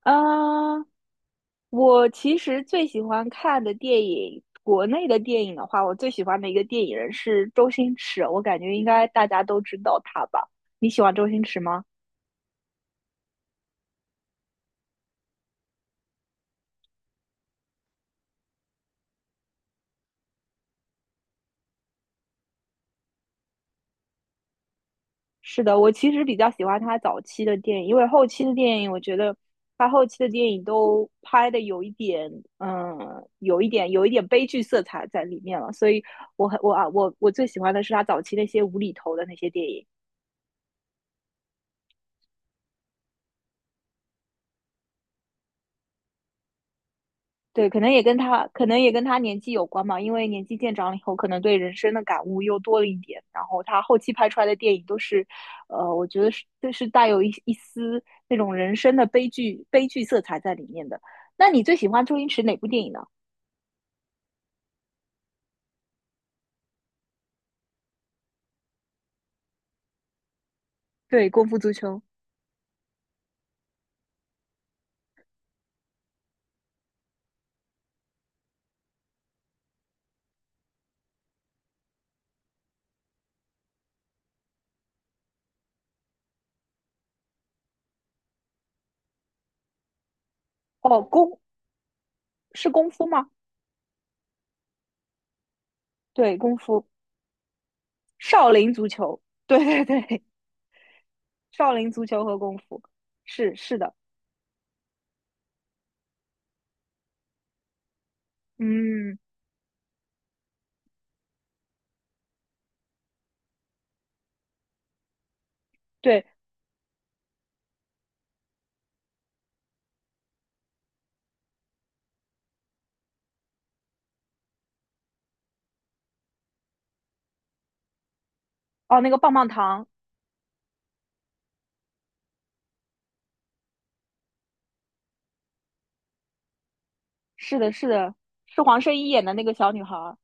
啊，我其实最喜欢看的电影，国内的电影的话，我最喜欢的一个电影人是周星驰，我感觉应该大家都知道他吧？你喜欢周星驰吗？是的，我其实比较喜欢他早期的电影，因为后期的电影，我觉得他后期的电影都拍的有一点，嗯，悲剧色彩在里面了，所以我很我啊我我最喜欢的是他早期那些无厘头的那些电影。对，可能也跟他年纪有关嘛，因为年纪渐长了以后，可能对人生的感悟又多了一点。然后他后期拍出来的电影都是，我觉得是都是带有一丝那种人生的悲剧色彩在里面的。那你最喜欢周星驰哪部电影呢？对，《功夫足球》。哦，是功夫吗？对，功夫，少林足球。对 对对，少林足球和功夫，是的，嗯，对。哦，那个棒棒糖。是的，是的，是黄圣依演的那个小女孩儿。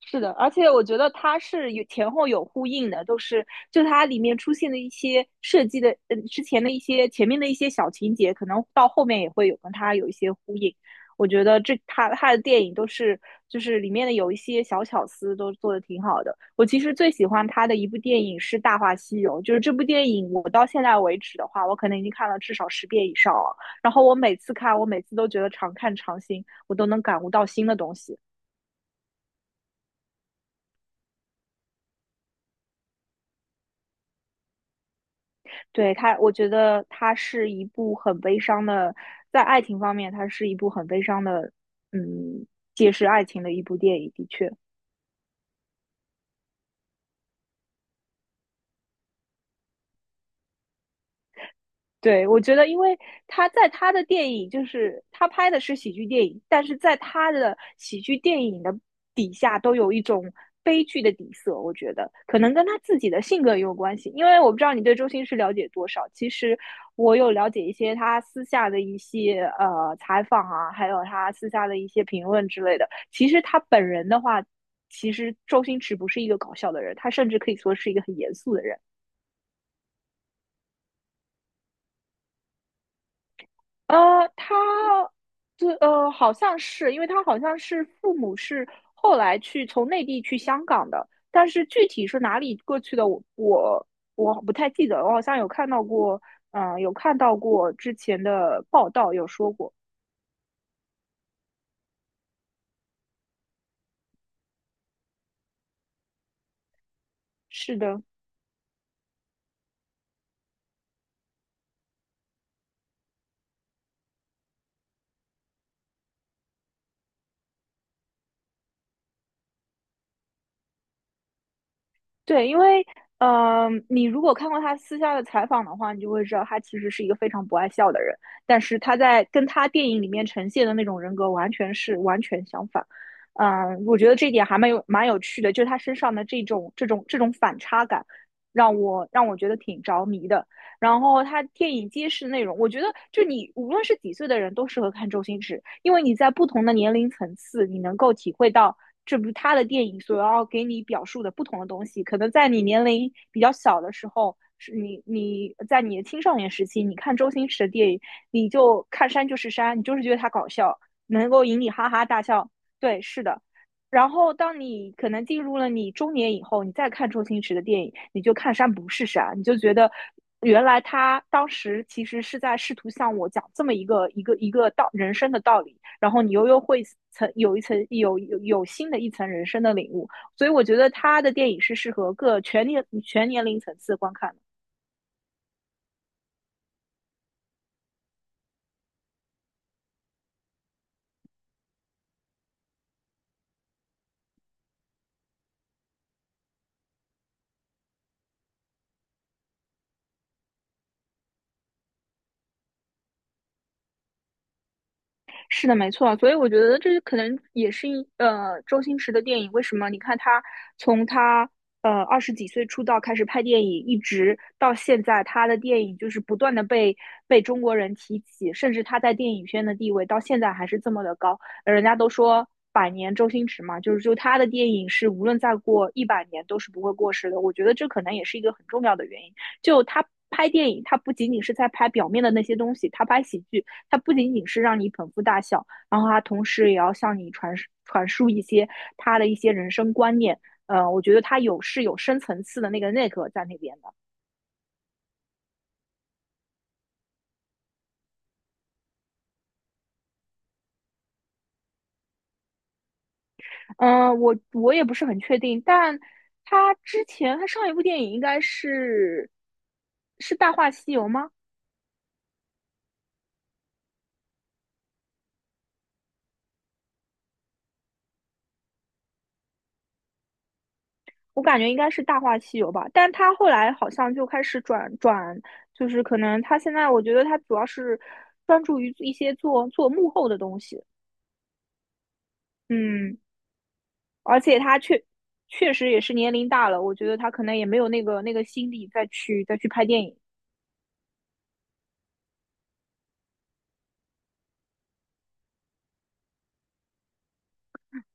是的，而且我觉得它是有前后有呼应的，都是就它里面出现的一些设计的，嗯，之前的一些前面的一些小情节，可能到后面也会有跟它有一些呼应。我觉得他的电影都是就是里面的有一些小巧思都做的挺好的。我其实最喜欢他的一部电影是《大话西游》，就是这部电影我到现在为止的话，我可能已经看了至少10遍以上了。然后我每次都觉得常看常新，我都能感悟到新的东西。对，它，我觉得它是一部很悲伤的，在爱情方面，它是一部很悲伤的，嗯，揭示爱情的一部电影，的确。对，我觉得，因为他在他的电影，就是他拍的是喜剧电影，但是在他的喜剧电影的底下都有一种悲剧的底色。我觉得可能跟他自己的性格也有关系，因为我不知道你对周星驰了解多少。其实我有了解一些他私下的一些采访啊，还有他私下的一些评论之类的。其实他本人的话，其实周星驰不是一个搞笑的人，他甚至可以说是一个很严肃的人。他，好像是，因为他好像是父母是后来从内地去香港的，但是具体是哪里过去的，我不太记得了，我好像有看到过，有看到过之前的报道有说过，是的。对，因为你如果看过他私下的采访的话，你就会知道他其实是一个非常不爱笑的人，但是他在跟他电影里面呈现的那种人格完全相反。我觉得这一点还蛮有趣的，就是他身上的这种反差感，让我觉得挺着迷的。然后他电影揭示内容，我觉得就你无论是几岁的人都适合看周星驰，因为你在不同的年龄层次，你能够体会到这部他的电影所要给你表述的不同的东西。可能在你年龄比较小的时候，是你你在你的青少年时期，你看周星驰的电影，你就看山就是山，你就是觉得他搞笑，能够引你哈哈大笑。对，是的。然后，当你可能进入了你中年以后，你再看周星驰的电影，你就看山不是山，你就觉得原来他当时其实是在试图向我讲这么一个人生的道理，然后你又会层有一层有有有新的一层人生的领悟，所以我觉得他的电影是适合各全年全年龄层次观看的。是的，没错，所以我觉得这可能也是周星驰的电影。为什么？你看他从他20几岁出道开始拍电影，一直到现在，他的电影就是不断的被中国人提起，甚至他在电影圈的地位到现在还是这么的高。人家都说百年周星驰嘛，就他的电影是无论再过100年都是不会过时的。我觉得这可能也是一个很重要的原因。就他拍电影，他不仅仅是在拍表面的那些东西，他拍喜剧。它不仅仅是让你捧腹大笑，然后它同时也要向你传输一些他的一些人生观念。我觉得它是有深层次的那个内核在那边的。我也不是很确定，但他之前他上一部电影应该是《大话西游》吗？我感觉应该是《大话西游》吧，但他后来好像就开始转转，就是可能他现在我觉得他主要是专注于一些做做幕后的东西。嗯，而且他确实也是年龄大了，我觉得他可能也没有那个心力再去拍电影。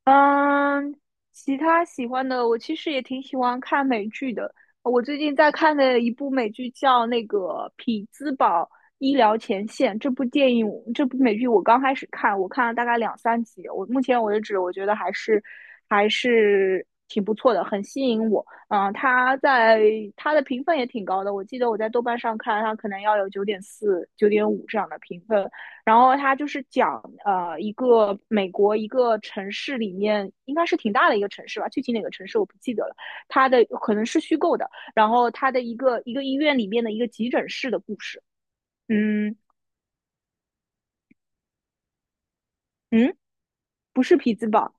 嗯，其他喜欢的，我其实也挺喜欢看美剧的。我最近在看的一部美剧叫那个《匹兹堡医疗前线》，这部电影，这部美剧我刚开始看，我看了大概两三集。我目前为止，我觉得还是挺不错的，很吸引我。嗯，它在它的评分也挺高的，我记得我在豆瓣上看，它可能要有9.4、9.5这样的评分。然后他就是讲一个美国一个城市里面应该是挺大的一个城市吧，具体哪个城市我不记得了。它的可能是虚构的，然后他的一个医院里面的一个急诊室的故事。嗯嗯，不是匹兹堡，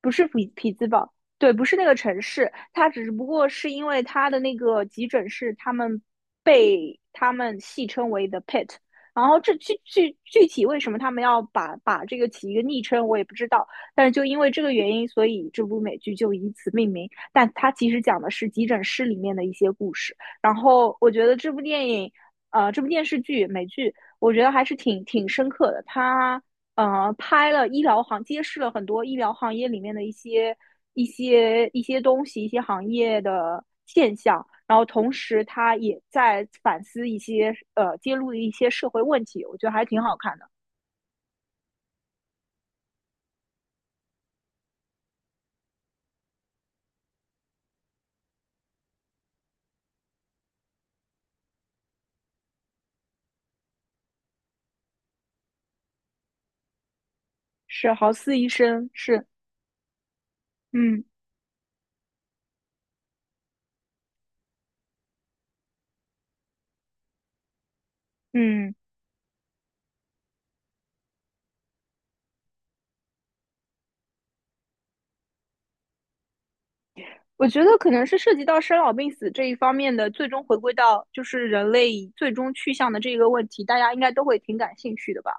不是匹兹堡，对，不是那个城市，它只不过是因为它的那个急诊室，被他们戏称为 the pit。然后这具体为什么他们要把这个起一个昵称，我也不知道。但是就因为这个原因，所以这部美剧就以此命名。但它其实讲的是急诊室里面的一些故事。然后我觉得这部电影，这部电视剧美剧，我觉得还是挺深刻的。它呃，拍了医疗行，揭示了很多医疗行业里面的一些东西，一些行业的现象。然后同时，他也在反思一些揭露的一些社会问题，我觉得还挺好看的。是豪斯医生，是。嗯嗯。我觉得可能是涉及到生老病死这一方面的，最终回归到就是人类最终去向的这个问题，大家应该都会挺感兴趣的吧？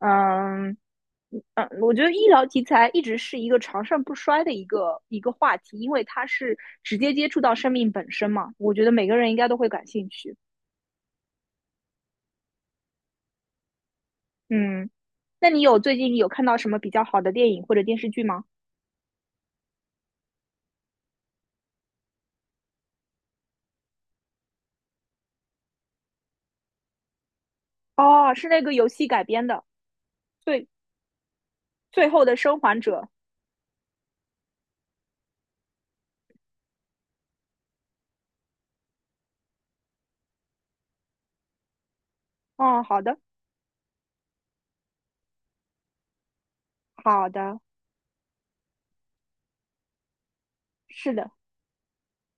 嗯嗯，我觉得医疗题材一直是一个长盛不衰的一个话题，因为它是直接接触到生命本身嘛，我觉得每个人应该都会感兴趣。嗯，那你最近有看到什么比较好的电影或者电视剧吗？哦，是那个游戏改编的，最最后的生还者。哦，好的，好的，是的。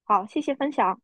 好，谢谢分享。